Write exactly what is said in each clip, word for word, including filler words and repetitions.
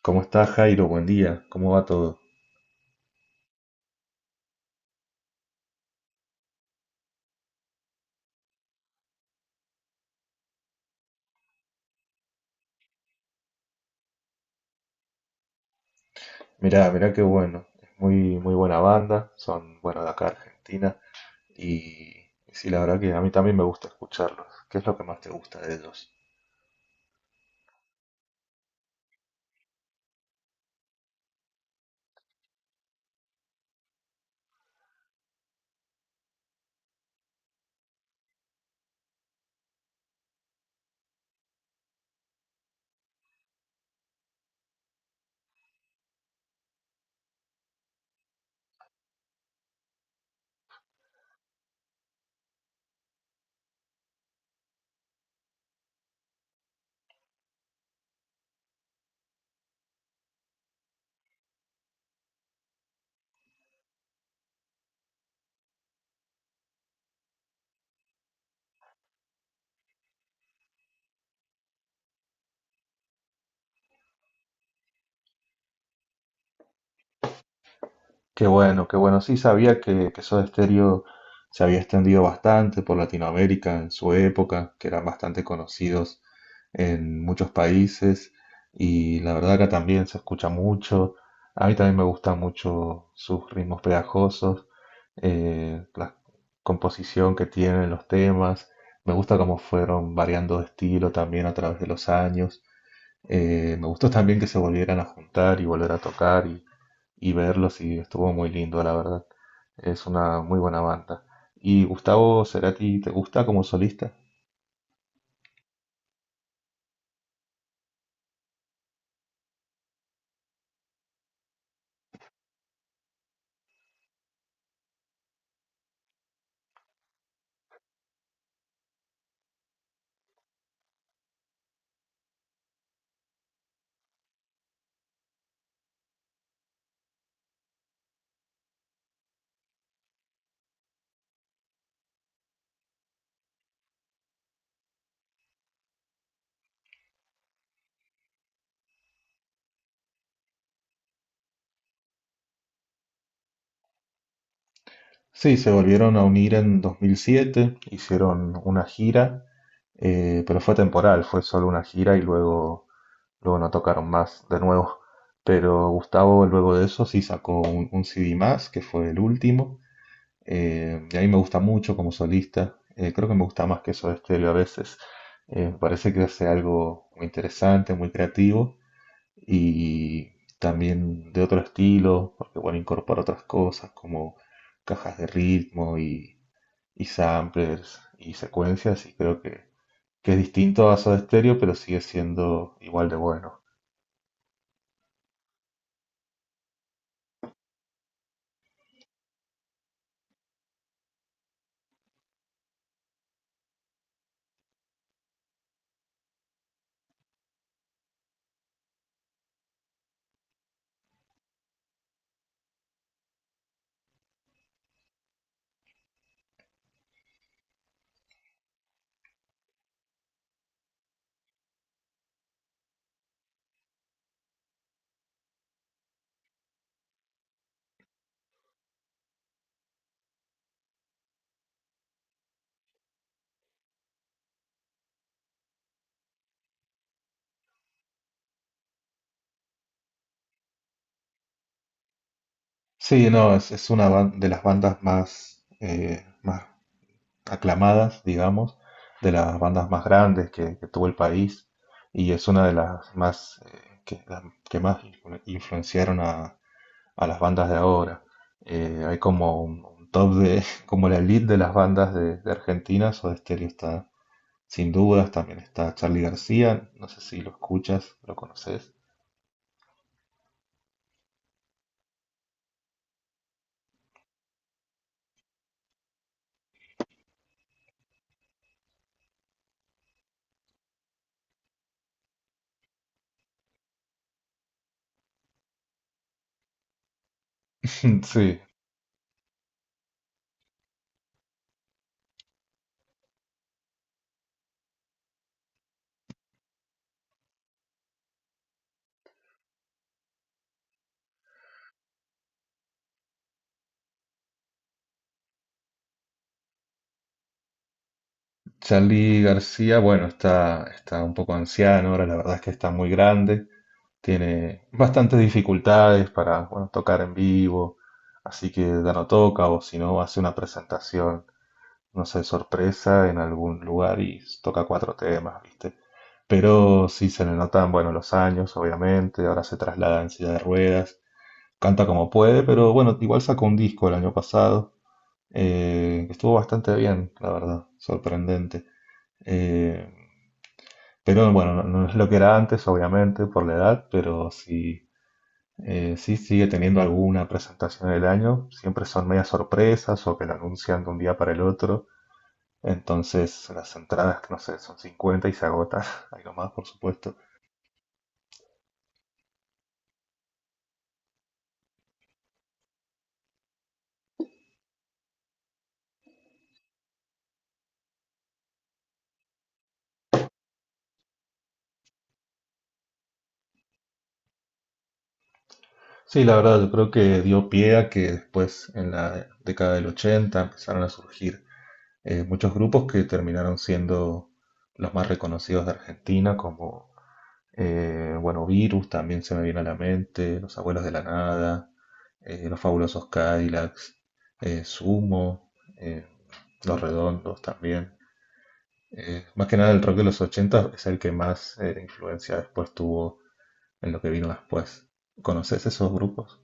¿Cómo estás, Jairo? Buen día. ¿Cómo va todo? Mirá, mirá qué bueno. Es muy, muy buena banda. Son, bueno, de acá Argentina. Y, y sí, la verdad que a mí también me gusta escucharlos. ¿Qué es lo que más te gusta de ellos? Qué bueno, qué bueno. Sí, sabía que, que Soda Stereo se había extendido bastante por Latinoamérica en su época, que eran bastante conocidos en muchos países y la verdad acá también se escucha mucho. A mí también me gustan mucho sus ritmos pegajosos, eh, la composición que tienen los temas. Me gusta cómo fueron variando de estilo también a través de los años. Eh, me gustó también que se volvieran a juntar y volver a tocar y verlos y estuvo muy lindo, la verdad. Es una muy buena banda. ¿Y Gustavo Cerati te gusta como solista? Sí, se volvieron a unir en dos mil siete, hicieron una gira, eh, pero fue temporal, fue solo una gira y luego, luego no tocaron más de nuevo. Pero Gustavo luego de eso sí sacó un, un C D más, que fue el último. Eh, y a mí me gusta mucho como solista. Eh, creo que me gusta más que Soda Stereo a veces. Eh, me parece que hace algo muy interesante, muy creativo y también de otro estilo, porque bueno, incorpora otras cosas como cajas de ritmo y, y samplers y secuencias y creo que, que es distinto a Soda Stereo, pero sigue siendo igual de bueno. Sí, no, es, es una ban- de las bandas más, eh, más aclamadas, digamos, de las bandas más grandes que, que tuvo el país y es una de las más eh, que, las que más influ- influenciaron a, a las bandas de ahora. Eh, hay como un, un top de, como la elite de las bandas de, de Argentina. Soda Stereo está sin dudas, también está Charly García, no sé si lo escuchas, lo conoces. Sí, Charly García, bueno, está, está un poco anciano, ahora la verdad es que está muy grande. Tiene bastantes dificultades para, bueno, tocar en vivo, así que ya no toca o si no hace una presentación, no sé, sorpresa en algún lugar y toca cuatro temas, ¿viste? Pero sí se le notan, bueno, los años, obviamente, ahora se traslada en silla de ruedas, canta como puede, pero bueno, igual sacó un disco el año pasado, eh, que estuvo bastante bien, la verdad, sorprendente. Eh, pero bueno, no, no es lo que era antes, obviamente, por la edad, pero sí eh, sí, sigue teniendo alguna presentación del año, siempre son medias sorpresas o que lo anuncian de un día para el otro. Entonces las entradas, no sé, son cincuenta y se agotan, algo más por supuesto. Sí, la verdad, yo creo que dio pie a que después en la década del ochenta empezaron a surgir eh, muchos grupos que terminaron siendo los más reconocidos de Argentina, como Eh, bueno, Virus también se me viene a la mente, Los Abuelos de la Nada, eh, Los Fabulosos Cadillacs, eh, Sumo, eh, Los Redondos también. Eh, más que nada el rock de los ochenta es el que más eh, influencia después tuvo en lo que vino después. ¿Conoces esos grupos?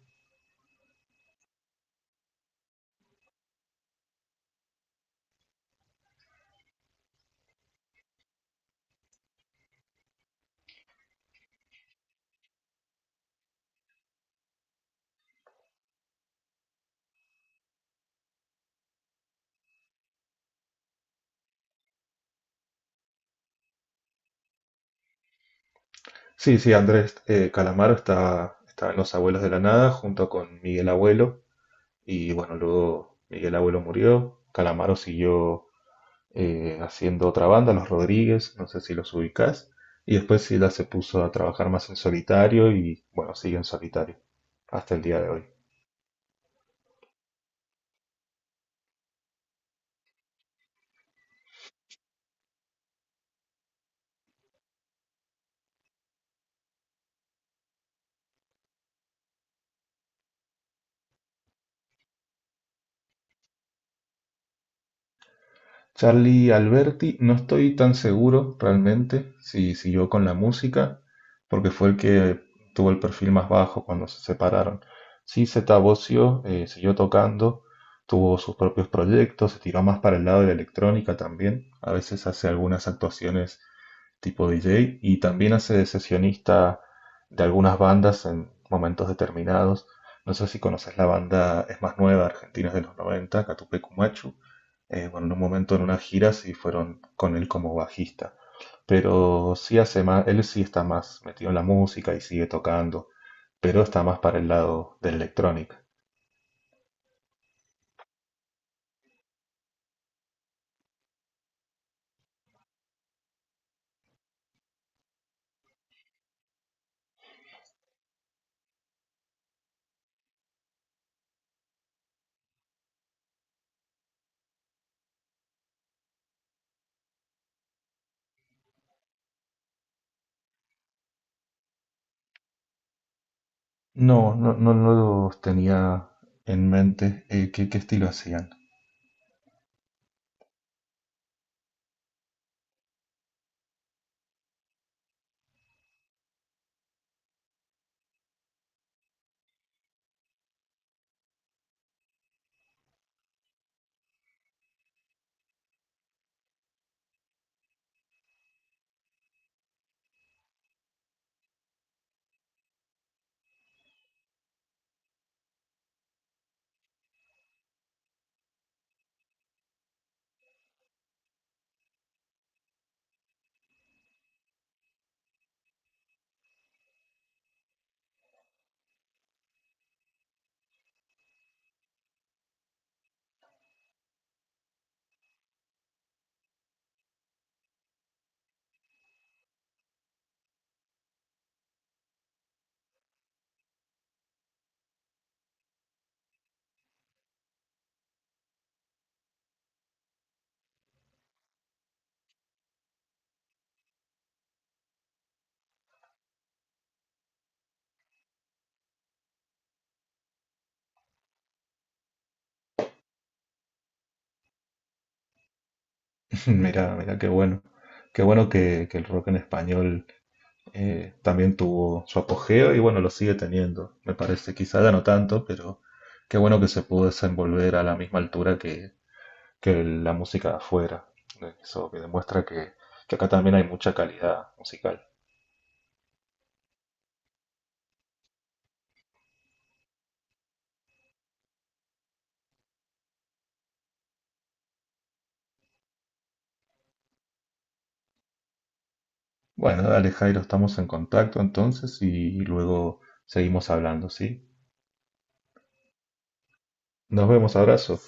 Sí, sí, Andrés eh, Calamaro está, está en Los Abuelos de la Nada junto con Miguel Abuelo y bueno, luego Miguel Abuelo murió, Calamaro siguió eh, haciendo otra banda, Los Rodríguez, no sé si los ubicás. Y después Sila se puso a trabajar más en solitario y bueno, sigue en solitario hasta el día de hoy. Charlie Alberti, no estoy tan seguro realmente si siguió con la música, porque fue el que tuvo el perfil más bajo cuando se separaron. Sí, Zeta Bosio eh, siguió tocando, tuvo sus propios proyectos, se tiró más para el lado de la electrónica también. A veces hace algunas actuaciones tipo D J y también hace de sesionista de algunas bandas en momentos determinados. No sé si conoces la banda, es más nueva, Argentina, es de los noventa, Catupecu Machu. Eh, bueno, en un momento en una gira sí fueron con él como bajista, pero sí hace más, él sí está más metido en la música y sigue tocando, pero está más para el lado del electrónica. No, no, no, no los tenía en mente eh, qué, qué estilo hacían. Mira, mira, qué bueno. Qué bueno que, que el rock en español eh, también tuvo su apogeo y bueno, lo sigue teniendo, me parece. Quizá ya no tanto, pero qué bueno que se pudo desenvolver a la misma altura que, que la música de afuera. Eh, Eso que demuestra que, que acá también hay mucha calidad musical. Bueno, dale Jairo, estamos en contacto entonces y luego seguimos hablando, ¿sí? Nos vemos, abrazo.